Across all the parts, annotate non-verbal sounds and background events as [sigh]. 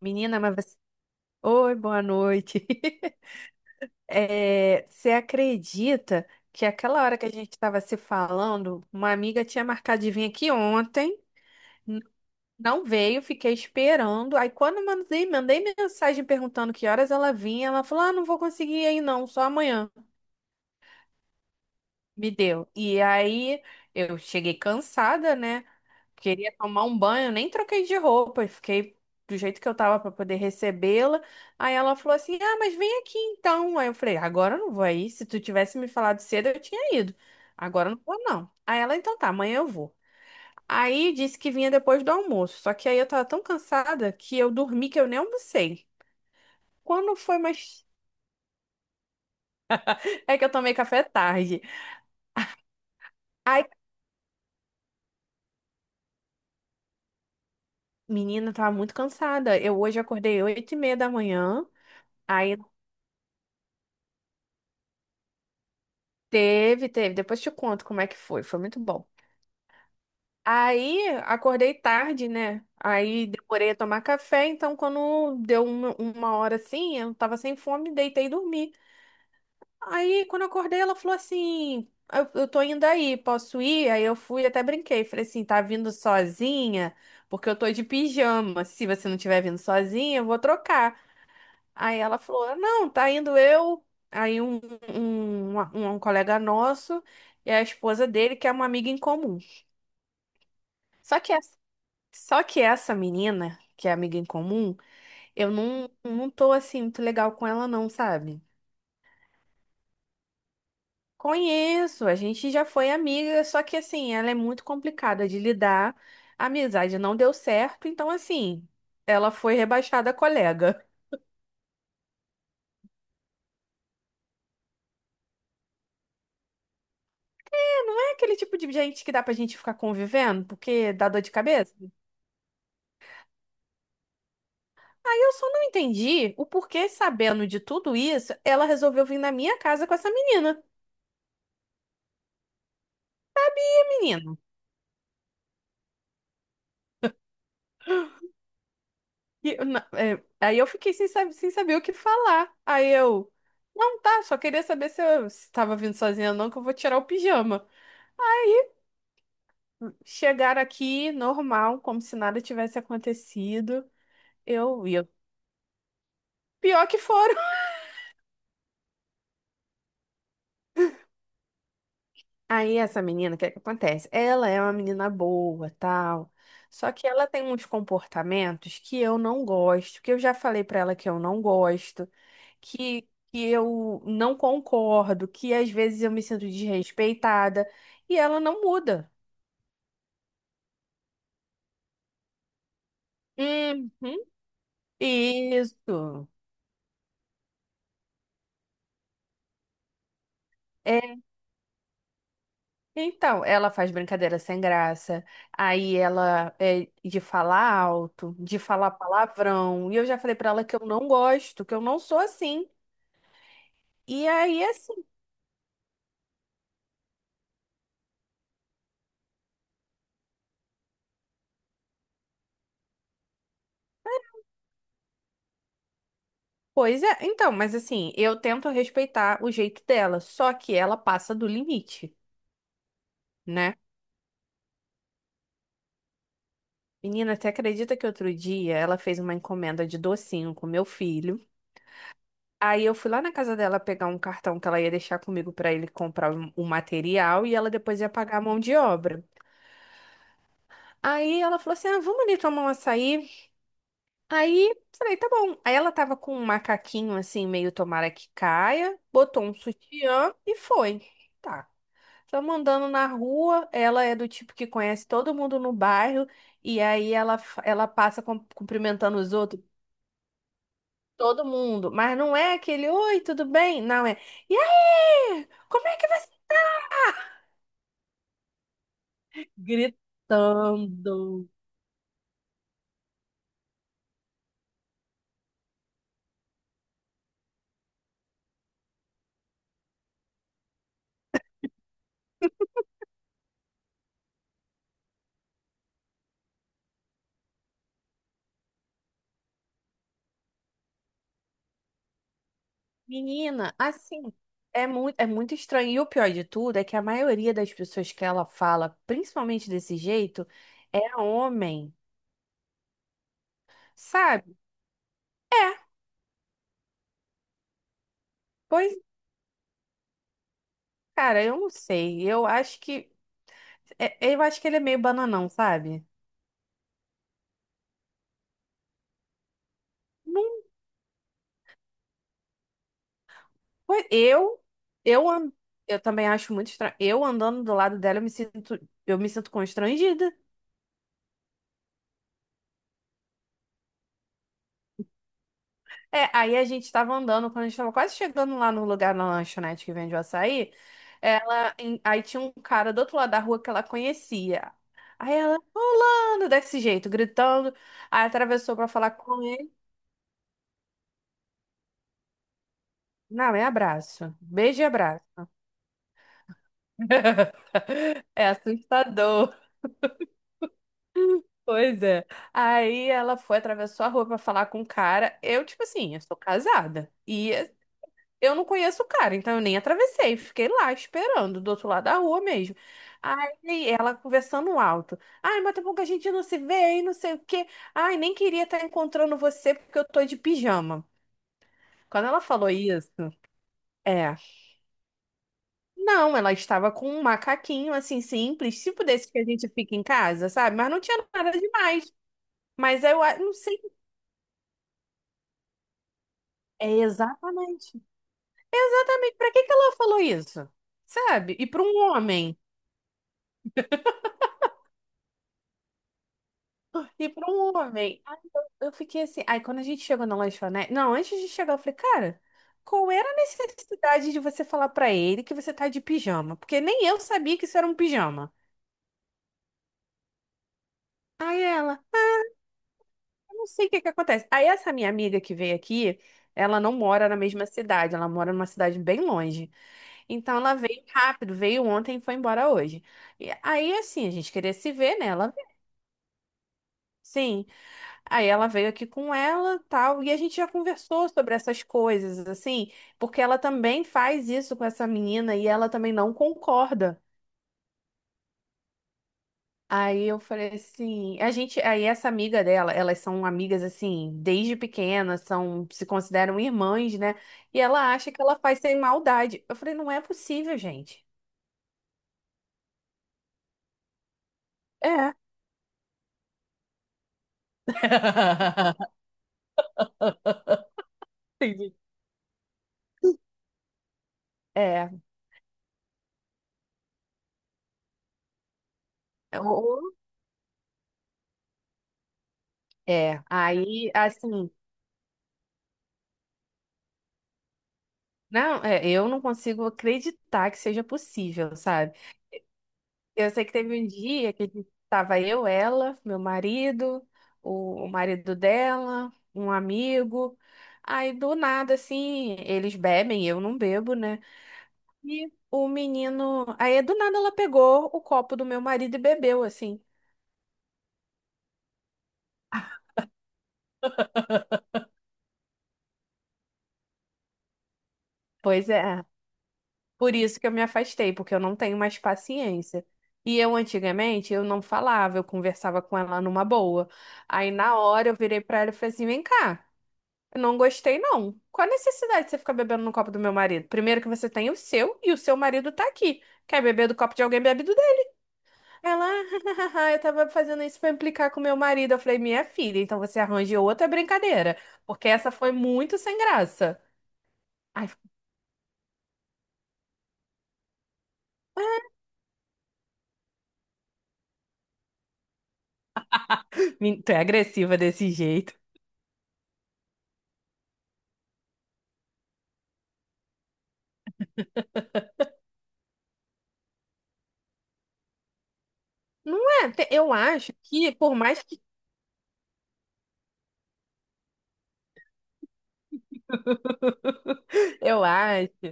Menina, mas você... Oi, boa noite. [laughs] É, você acredita que aquela hora que a gente estava se falando, uma amiga tinha marcado de vir aqui ontem, n- não veio, fiquei esperando. Aí quando eu mandei mensagem perguntando que horas ela vinha, ela falou: "Ah, não vou conseguir aí não, só amanhã". Me deu. E aí eu cheguei cansada, né? Queria tomar um banho, nem troquei de roupa, e fiquei do jeito que eu tava para poder recebê-la. Aí ela falou assim: Ah, mas vem aqui então. Aí eu falei: Agora eu não vou aí. Se tu tivesse me falado cedo, eu tinha ido. Agora eu não vou, não. Aí ela: Então tá, amanhã eu vou. Aí disse que vinha depois do almoço. Só que aí eu tava tão cansada que eu dormi que eu nem almocei. Quando foi mais. [laughs] É que eu tomei café tarde. Aí, menina, eu tava muito cansada. Eu hoje acordei oito e meia da manhã. Aí teve. Depois te conto como é que foi. Foi muito bom. Aí acordei tarde, né? Aí demorei a tomar café, então quando deu uma hora assim, eu tava sem fome, deitei e dormi. Aí quando eu acordei, ela falou assim: eu tô indo aí, posso ir? Aí eu fui, e até brinquei. Falei assim: tá vindo sozinha? Porque eu tô de pijama. Se você não tiver vindo sozinha, eu vou trocar. Aí ela falou: não, tá indo eu. Aí um colega nosso e a esposa dele, que é uma amiga em comum. Só que essa Só que essa menina, que é amiga em comum, eu não tô assim muito legal com ela, não, sabe? Conheço, a gente já foi amiga, só que assim, ela é muito complicada de lidar. A amizade não deu certo, então assim, ela foi rebaixada a colega. [laughs] É, não é aquele tipo de gente que dá pra gente ficar convivendo, porque dá dor de cabeça. Aí eu só não entendi o porquê, sabendo de tudo isso, ela resolveu vir na minha casa com essa menina. Menina. E eu é, aí eu fiquei sem, sem saber o que falar. Aí eu, não, tá, só queria saber se eu estava vindo sozinha ou não, que eu vou tirar o pijama. Chegaram aqui, normal, como se nada tivesse acontecido. Eu ia. Pior que foram. [laughs] Aí essa menina, o que é que acontece? Ela é uma menina boa, tal. Só que ela tem uns comportamentos que eu não gosto, que eu já falei pra ela que eu não gosto. que, que eu não concordo, que às vezes eu me sinto desrespeitada, e ela não muda. Uhum. Isso. É, então, ela faz brincadeira sem graça, aí ela é de falar alto, de falar palavrão, e eu já falei pra ela que eu não gosto, que eu não sou assim. E aí, assim, pois é, então, mas assim, eu tento respeitar o jeito dela, só que ela passa do limite, né? Menina, você acredita que outro dia ela fez uma encomenda de docinho com meu filho? Aí eu fui lá na casa dela pegar um cartão que ela ia deixar comigo pra ele comprar o material e ela depois ia pagar a mão de obra. Aí ela falou assim: ah, vamos ali tomar um açaí. Aí falei: tá bom. Aí ela tava com um macaquinho assim, meio tomara que caia, botou um sutiã e foi. Tá. Estamos andando na rua, ela é do tipo que conhece todo mundo no bairro. E aí ela, ela passa cumprimentando os outros. Todo mundo. Mas não é aquele, oi, tudo bem? Não é. E aí? Como é que vai ser? Gritando. Menina, assim, é é muito estranho. E o pior de tudo é que a maioria das pessoas que ela fala, principalmente desse jeito, é homem, sabe? É, pois, cara, eu não sei. Eu acho eu acho que ele é meio bananão, sabe? Não, foi- eu, an- eu também acho muito estranho. Eu andando do lado dela, eu me sinto constrangida. É, aí a gente tava andando, quando a gente tava quase chegando lá no lugar na lanchonete que vende o açaí, aí tinha um cara do outro lado da rua que ela conhecia. Aí ela, rolando desse jeito, gritando, aí atravessou pra falar com ele. Não, é abraço. Beijo e abraço. [laughs] É assustador. Pois é. Aí ela foi, atravessou a rua pra falar com o cara. Eu, tipo assim, eu sou casada. E eu não conheço o cara, então eu nem atravessei, fiquei lá esperando, do outro lado da rua mesmo. Aí ela conversando alto. Ai, mas tem pouco que a gente não se vê, hein, não sei o quê. Ai, nem queria estar encontrando você porque eu tô de pijama. Quando ela falou isso, é. Não, ela estava com um macaquinho assim simples, tipo desse que a gente fica em casa, sabe? Mas não tinha nada demais. Mas eu não sei. É exatamente. Exatamente. Pra que que ela falou isso? Sabe? E para um homem. E para um homem. Aí eu fiquei assim. Aí quando a gente chegou na lanchonete. Não, antes de chegar, eu falei, cara, qual era a necessidade de você falar pra ele que você tá de pijama? Porque nem eu sabia que isso era um pijama. Aí ela, eu não sei o que que acontece. Aí essa minha amiga que veio aqui, ela não mora na mesma cidade, ela mora numa cidade bem longe. Então ela veio rápido, veio ontem e foi embora hoje. E aí assim, a gente queria se ver, né? Ela, veio. Sim. Aí ela veio aqui com ela, tal, e a gente já conversou sobre essas coisas, assim, porque ela também faz isso com essa menina e ela também não concorda. Aí eu falei assim, aí essa amiga dela, elas são amigas assim, desde pequenas, são, se consideram irmãs, né? E ela acha que ela faz sem maldade. Eu falei, não é possível, gente. É. [laughs] Entendi. É, o- é. Aí, assim, não, é, eu não consigo acreditar que seja possível, sabe? Eu sei que teve um dia que a gente tava eu, ela, meu marido, o marido dela, um amigo. Aí do nada, assim, eles bebem, eu não bebo, né? E o menino. Aí do nada ela pegou o copo do meu marido e bebeu, assim. Pois é. Por isso que eu me afastei, porque eu não tenho mais paciência. E eu antigamente eu não falava, eu conversava com ela numa boa. Aí na hora eu virei pra ela e falei assim: "Vem cá, eu não gostei não. Qual a necessidade de você ficar bebendo no copo do meu marido? Primeiro que você tem o seu e o seu marido tá aqui. Quer beber do copo de alguém, bebe do dele." Ela, [laughs] eu tava fazendo isso pra implicar com meu marido. Eu falei: "Minha filha, então você arranja outra brincadeira, porque essa foi muito sem graça." Ai, [laughs] tu é agressiva desse jeito. Não é, eu acho que, por mais que [laughs] eu acho,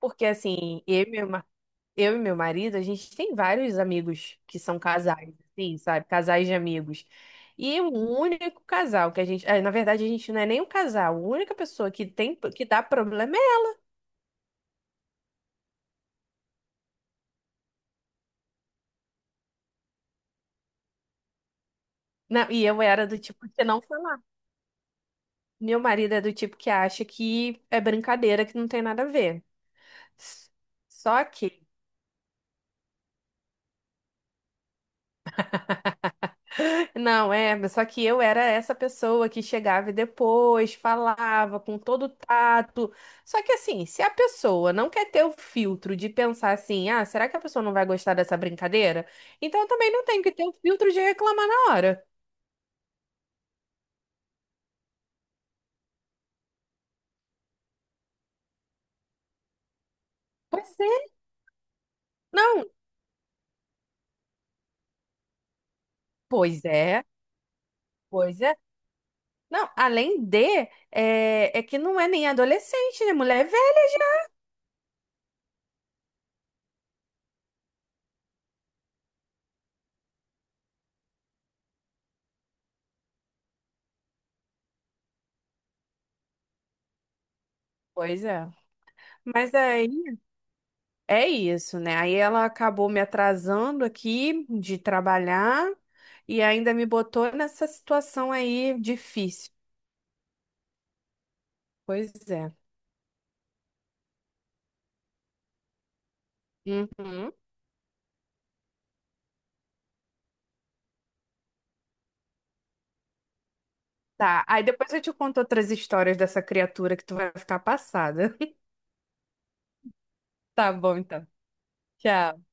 porque assim, eu e meu marido, a gente tem vários amigos que são casais, assim, sabe? Casais de amigos. E o único casal que a gente, ah, na verdade, a gente não é nem um casal, a única pessoa que tem que dá problema é. Não, e eu era do tipo que não falar. Meu marido é do tipo que acha que é brincadeira, que não tem nada a ver. S- Só que não, é, mas só que eu era essa pessoa que chegava e depois, falava com todo tato. Só que assim, se a pessoa não quer ter o filtro de pensar assim, ah, será que a pessoa não vai gostar dessa brincadeira? Então eu também não tenho que ter o filtro de reclamar na hora. Pois é. Não, pois é, pois é. Não, além de, é que não é nem adolescente, né? Mulher é velha. Pois é. Mas aí. É isso, né? Aí ela acabou me atrasando aqui de trabalhar e ainda me botou nessa situação aí difícil. Pois é. Uhum. Tá. Aí depois eu te conto outras histórias dessa criatura que tu vai ficar passada. [laughs] Tá bom, então. Tchau.